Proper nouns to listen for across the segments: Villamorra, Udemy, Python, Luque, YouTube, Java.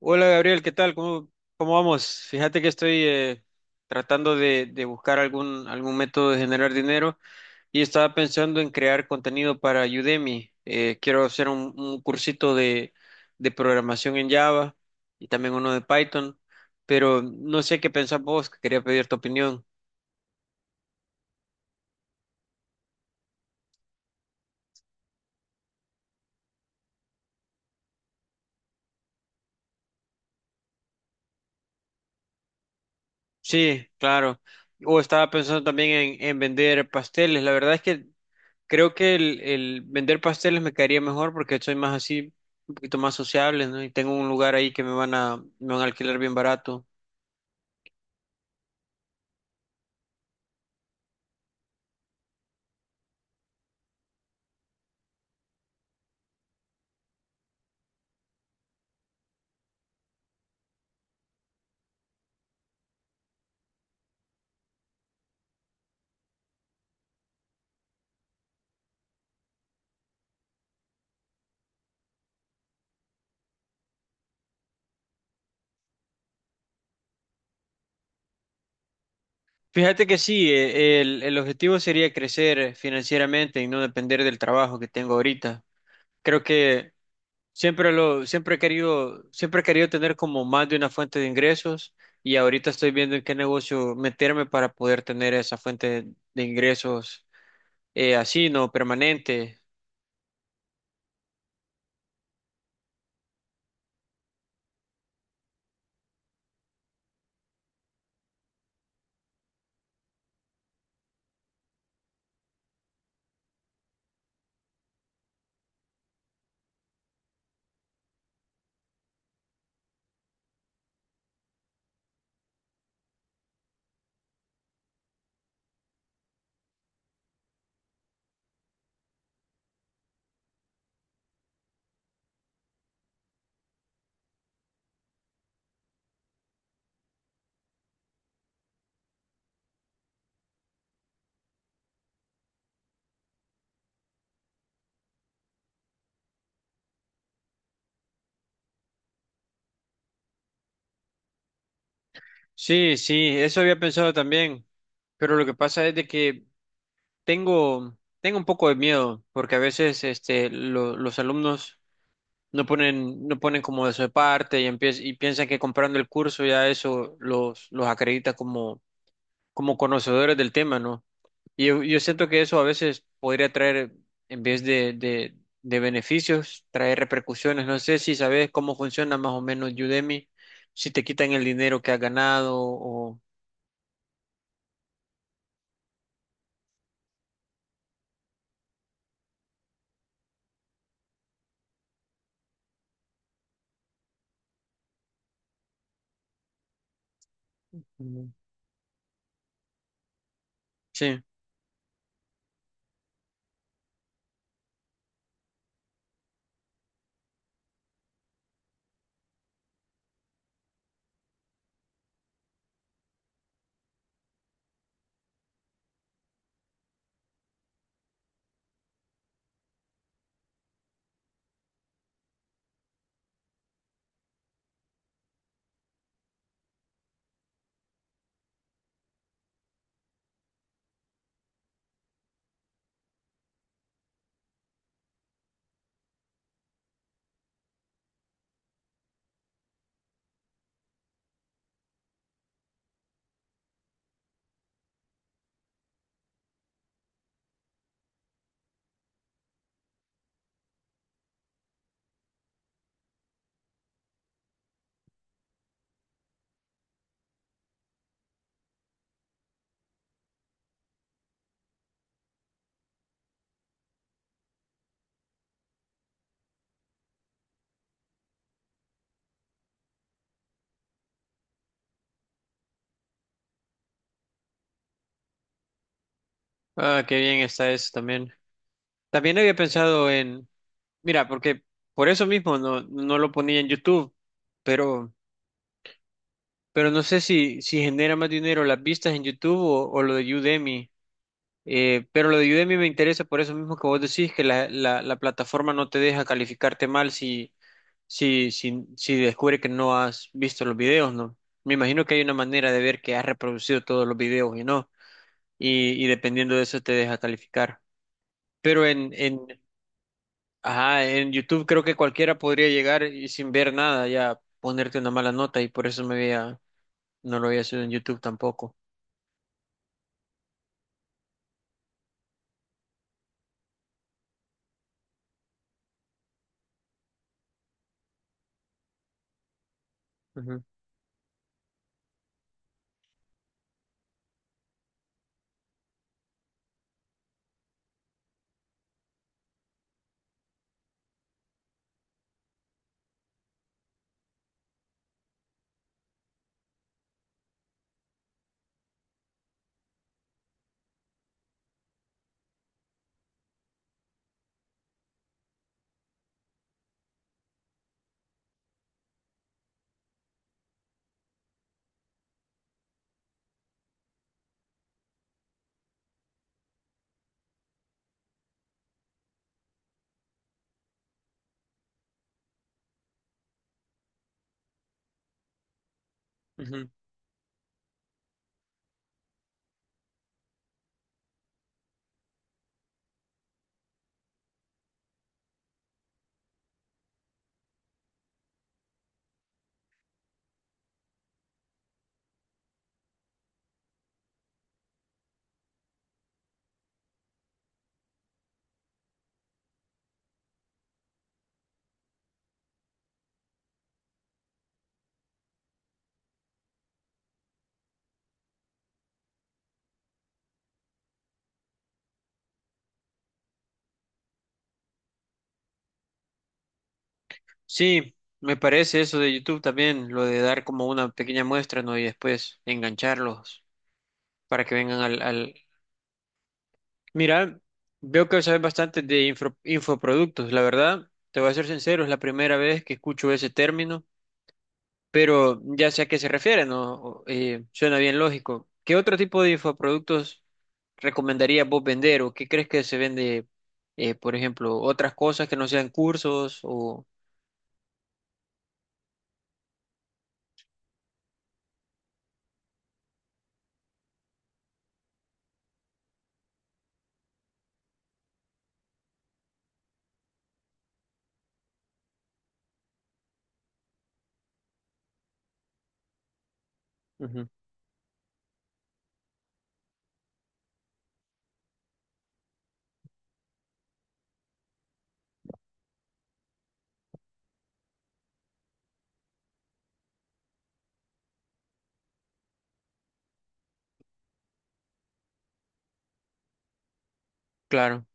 Hola Gabriel, ¿qué tal? ¿Cómo vamos? Fíjate que estoy tratando de buscar algún método de generar dinero y estaba pensando en crear contenido para Udemy. Quiero hacer un cursito de programación en Java y también uno de Python, pero no sé qué pensás vos, que quería pedir tu opinión. Sí, claro. O estaba pensando también en vender pasteles. La verdad es que creo que el vender pasteles me caería mejor porque soy más así, un poquito más sociable, ¿no? Y tengo un lugar ahí que me van me van a alquilar bien barato. Fíjate que sí, el objetivo sería crecer financieramente y no depender del trabajo que tengo ahorita. Creo que siempre he querido tener como más de una fuente de ingresos y ahorita estoy viendo en qué negocio meterme para poder tener esa fuente de ingresos así, ¿no? Permanente. Sí, sí, eso había pensado también, pero lo que pasa es de que tengo un poco de miedo, porque a veces los alumnos no ponen como de su parte y, y piensan que comprando el curso ya eso los acredita como, como conocedores del tema, ¿no? Y yo siento que eso a veces podría traer, en vez de beneficios, traer repercusiones. No sé si sabes cómo funciona más o menos Udemy, si te quitan el dinero que has ganado o... Sí, ah, qué bien está eso también. También había pensado en, mira, porque por eso mismo no lo ponía en YouTube, pero, pero no sé si genera más dinero las vistas en YouTube o lo de Udemy. Pero lo de Udemy me interesa por eso mismo que vos decís que la plataforma no te deja calificarte mal si descubre que no has visto los videos, ¿no? Me imagino que hay una manera de ver que has reproducido todos los videos y no, y dependiendo de eso te deja calificar. Pero ajá, en YouTube creo que cualquiera podría llegar y sin ver nada ya ponerte una mala nota y por eso me había, no lo había hecho en YouTube tampoco. Ujú, ujú. Sí, me parece eso de YouTube también, lo de dar como una pequeña muestra, ¿no? Y después engancharlos para que vengan al... Mira, veo que sabes bastante de infoproductos, la verdad, te voy a ser sincero, es la primera vez que escucho ese término, pero ya sé a qué se refiere, ¿no? O- suena bien lógico. ¿Qué otro tipo de infoproductos recomendarías vos vender o qué crees que se vende, por ejemplo, otras cosas que no sean cursos o...? Ujú, claro.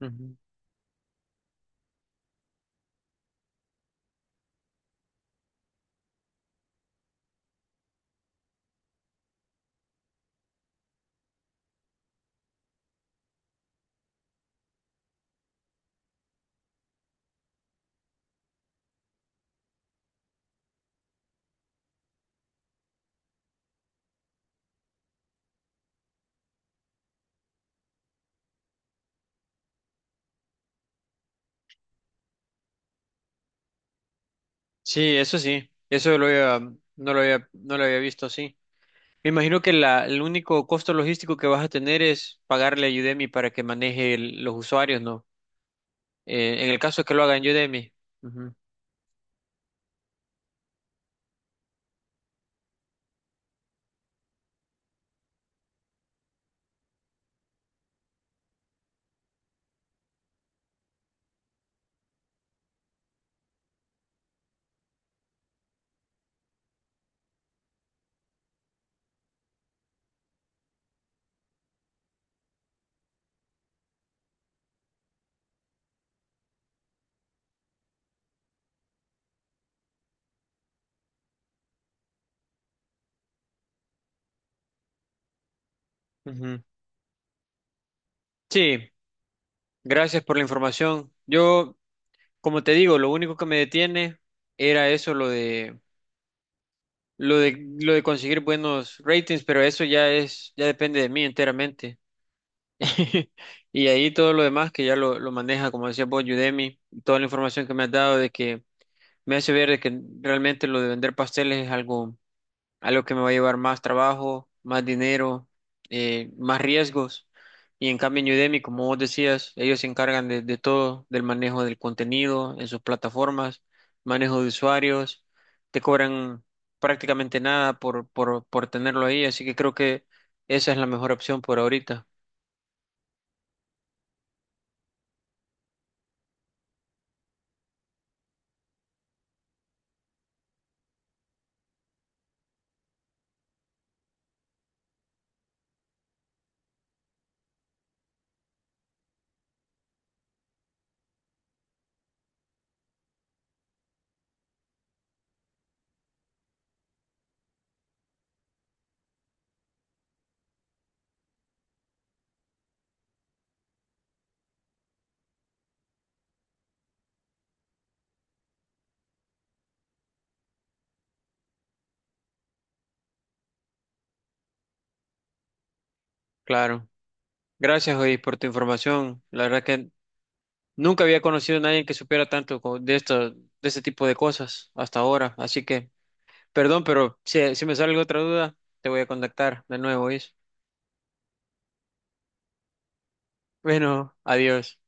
Ujú. Sí, eso lo había- mm, no lo había, no lo había visto así. Me imagino que el único costo logístico que vas a tener es pagarle a Udemy para que maneje los usuarios, ¿no? En el caso que lo haga en Udemy. Ujú, ujú. Sí, gracias por la información. Yo, como te digo, lo único que me detiene era eso, lo de... lo de conseguir buenos ratings, pero eso ya es, ya depende de mí enteramente. Y ahí todo lo demás que ya lo maneja, como decía vos, Udemy, toda la información que me has dado de que me hace ver de que realmente lo de vender pasteles es algo que me va a llevar más trabajo, más dinero, más riesgos. Y en cambio en Udemy, como vos decías, ellos se encargan de todo, del manejo del contenido en sus plataformas, manejo de usuarios, te cobran prácticamente nada por tenerlo ahí, así que creo que esa es la mejor opción por ahorita. Claro. Gracias, hoy por tu información. La verdad que nunca había conocido a nadie que supiera tanto de esto, de este tipo de cosas hasta ahora, así que perdón, pero si me sale alguna otra duda, te voy a contactar de nuevo, ¿oís? Bueno, adiós.